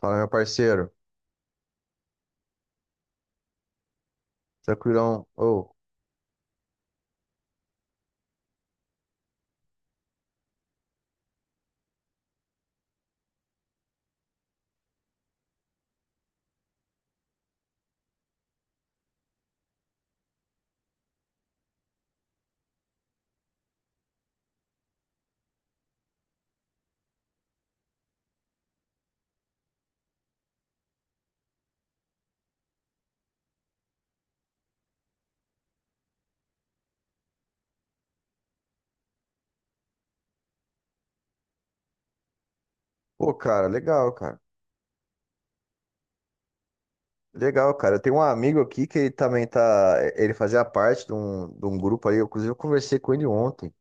Fala, meu parceiro. Tranquilão. Pô, cara, legal, cara. Legal, cara. Eu tenho um amigo aqui que ele também tá. Ele fazia parte de um grupo aí. Inclusive, eu conversei com ele ontem.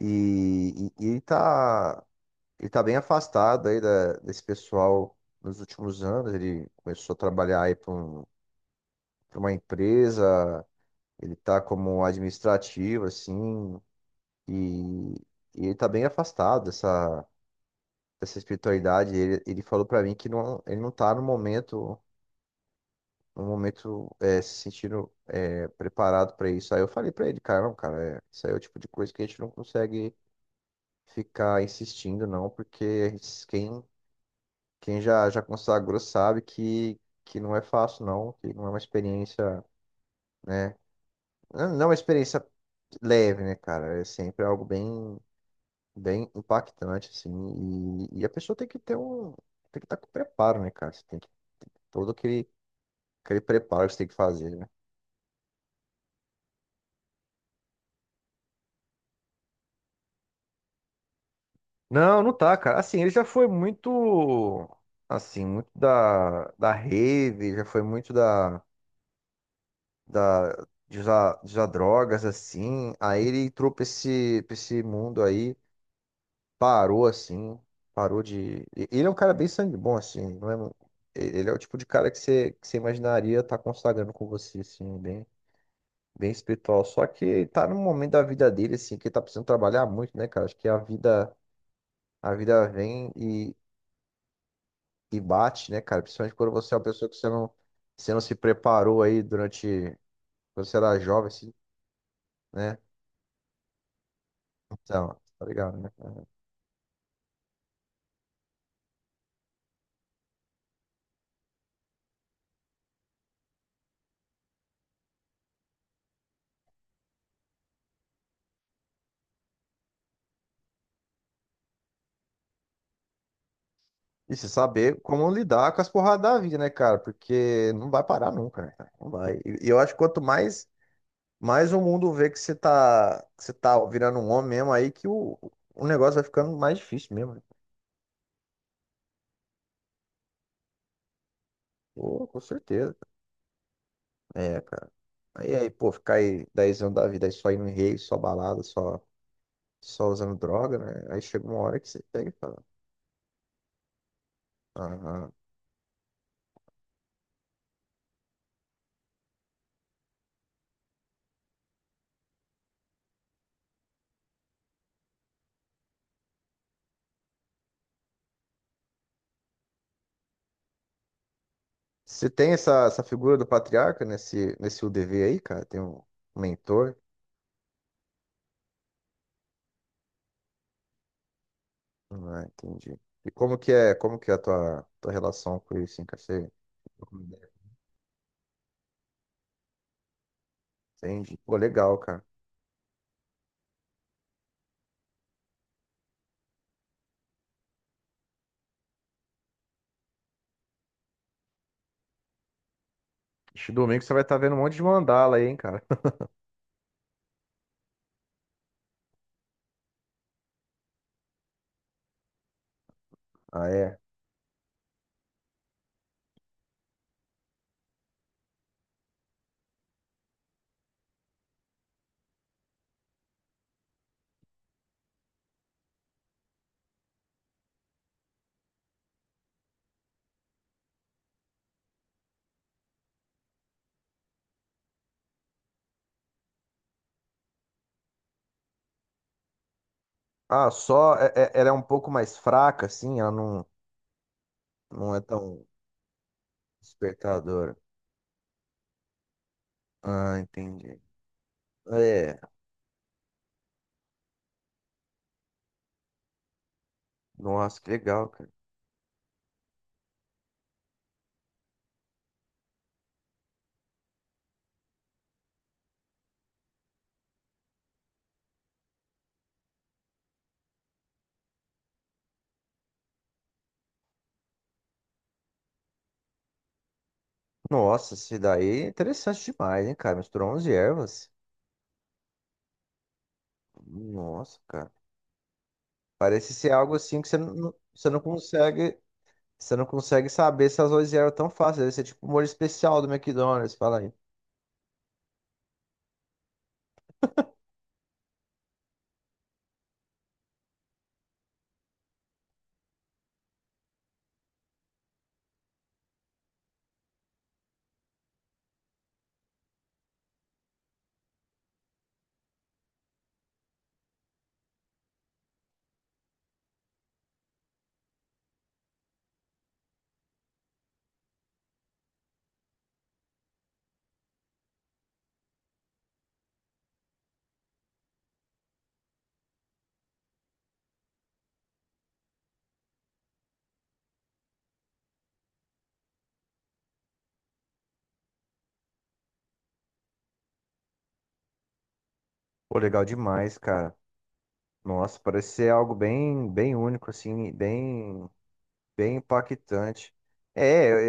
E ele tá. Ele tá bem afastado aí desse pessoal nos últimos anos. Ele começou a trabalhar aí pra uma empresa. Ele tá como administrativo, assim. E, e ele tá bem afastado dessa. Dessa espiritualidade, ele falou pra mim que não, ele não tá no momento, no momento se sentindo preparado pra isso. Aí eu falei pra ele, cara, não, cara, é, isso aí é o tipo de coisa que a gente não consegue ficar insistindo, não, porque quem já consagrou sabe que não é fácil, não, que não é uma experiência, né? Não é uma experiência leve, né, cara? É sempre algo bem, bem impactante, assim, e a pessoa tem que ter tem que estar com preparo, né, cara? Você tem que todo aquele Aquele preparo que você tem que fazer, né? Não, não tá, cara. Assim, ele já foi muito, assim, muito da rave, já foi muito de usar drogas, assim. Aí ele entrou pra esse mundo aí, parou, assim, Ele é um cara bem sangue bom, assim, não é... mu- e- Ele é o tipo de cara que você imaginaria estar consagrando com você, assim, bem, bem espiritual. Só que tá num momento da vida dele, assim, que ele tá precisando trabalhar muito, né, cara? Acho que a vida vem e bate, né, cara? Principalmente quando você é uma pessoa que você não se preparou aí durante, quando você era jovem, assim, né? Então, tá ligado, né? E se saber como lidar com as porradas da vida, né, cara? Porque não vai parar nunca, né, cara? Não vai. E eu acho que quanto mais, mais o mundo vê que você tá virando um homem mesmo aí, o negócio vai ficando mais difícil mesmo, né? Pô, com certeza. É, cara. Pô, ficar aí 10 anos da vida aí só indo em rave, só balada, só. Só usando droga, né? Aí chega uma hora que você pega e fala. Aham. Você tem essa figura do patriarca nesse UDV aí, cara? Tem um mentor? Ah, entendi. E como que é a tua relação com isso, hein, cara? Você entende? Pô, legal, cara. Este domingo você vai estar vendo um monte de mandala aí, hein, cara? Ah, é. Ah, só ela é um pouco mais fraca, assim, ela não, não é tão despertadora. Ah, entendi. É, nossa, que legal, cara. Nossa, esse daí é interessante demais, hein, cara? Misturou 11 ervas. Nossa, cara. Parece ser algo assim que você não, não- você não consegue saber se as 11 ervas tão fáceis. Deve ser tipo o molho especial do McDonald's, fala aí. Pô, legal demais, cara. Nossa, parece ser algo bem, bem único, assim, bem, bem impactante. É, eu,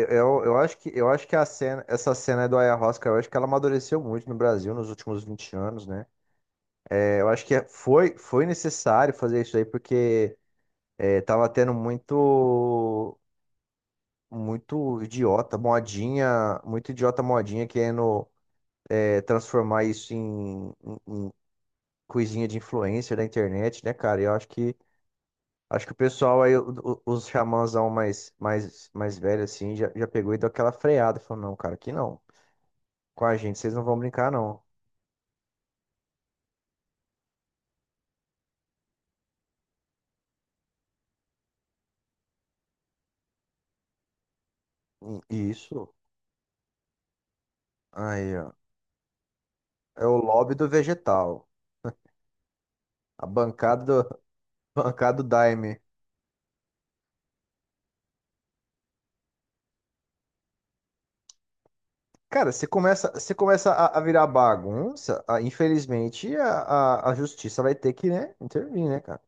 eu, eu acho eu acho que a cena, essa cena do Ayahuasca, eu acho que ela amadureceu muito no Brasil nos últimos 20 anos, né? É, eu acho que foi necessário fazer isso aí, porque é, tava tendo muito, muito idiota modinha querendo é, transformar isso em coisinha de influencer da internet, né, cara? Eu acho que o pessoal aí, os xamãzão mais, mais, mais velho assim, já, já pegou e deu aquela freada, falou, não, cara, aqui não. Com a gente, vocês não vão brincar, não. E isso aí, ó. É o lobby do vegetal. A bancada do, bancada do Daime. Cara, você começa a virar bagunça, infelizmente a justiça vai ter que, né, intervir, né, cara?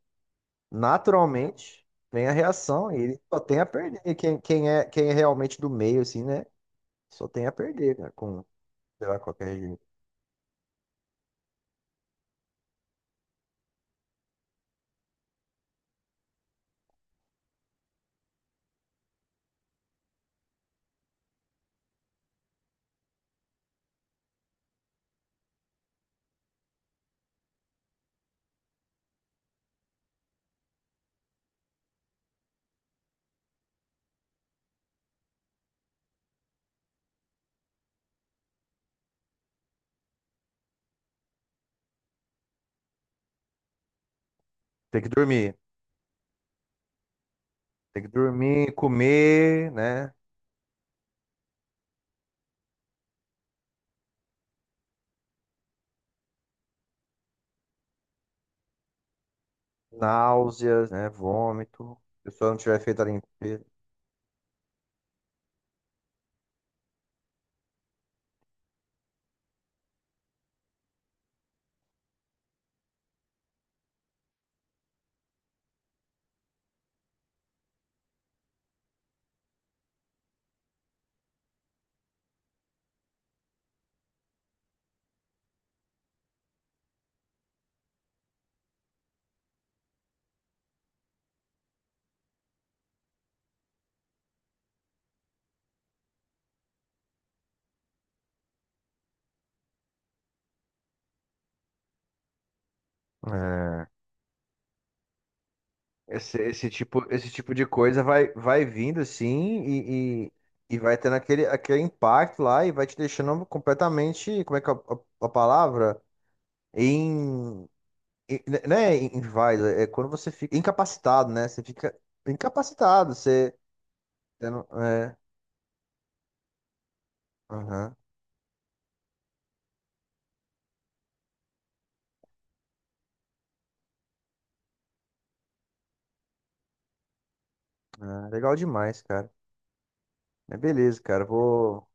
Naturalmente, vem a reação e ele só tem a perder. E quem é realmente do meio, assim, né? Só tem a perder, cara, com, sei lá, qualquer regime. Tem que dormir. Tem que dormir, comer, né? Náuseas, né? Vômito. Se a pessoa não tiver feito a limpeza. É. Esse tipo de coisa vai, vai vindo assim e vai tendo aquele, aquele impacto lá e vai te deixando completamente, como é que é a palavra? Em, em- não é em- inválido, é quando você fica incapacitado, né? Você fica incapacitado, você, você não, é, aham, ah, legal demais, cara. É beleza, cara, vou,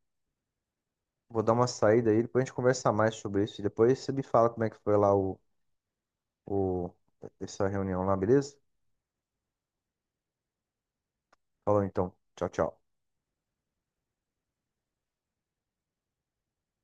vou dar uma saída aí, depois a gente conversa mais sobre isso e depois você me fala como é que foi lá o, essa reunião lá, beleza? Falou então, tchau, tchau.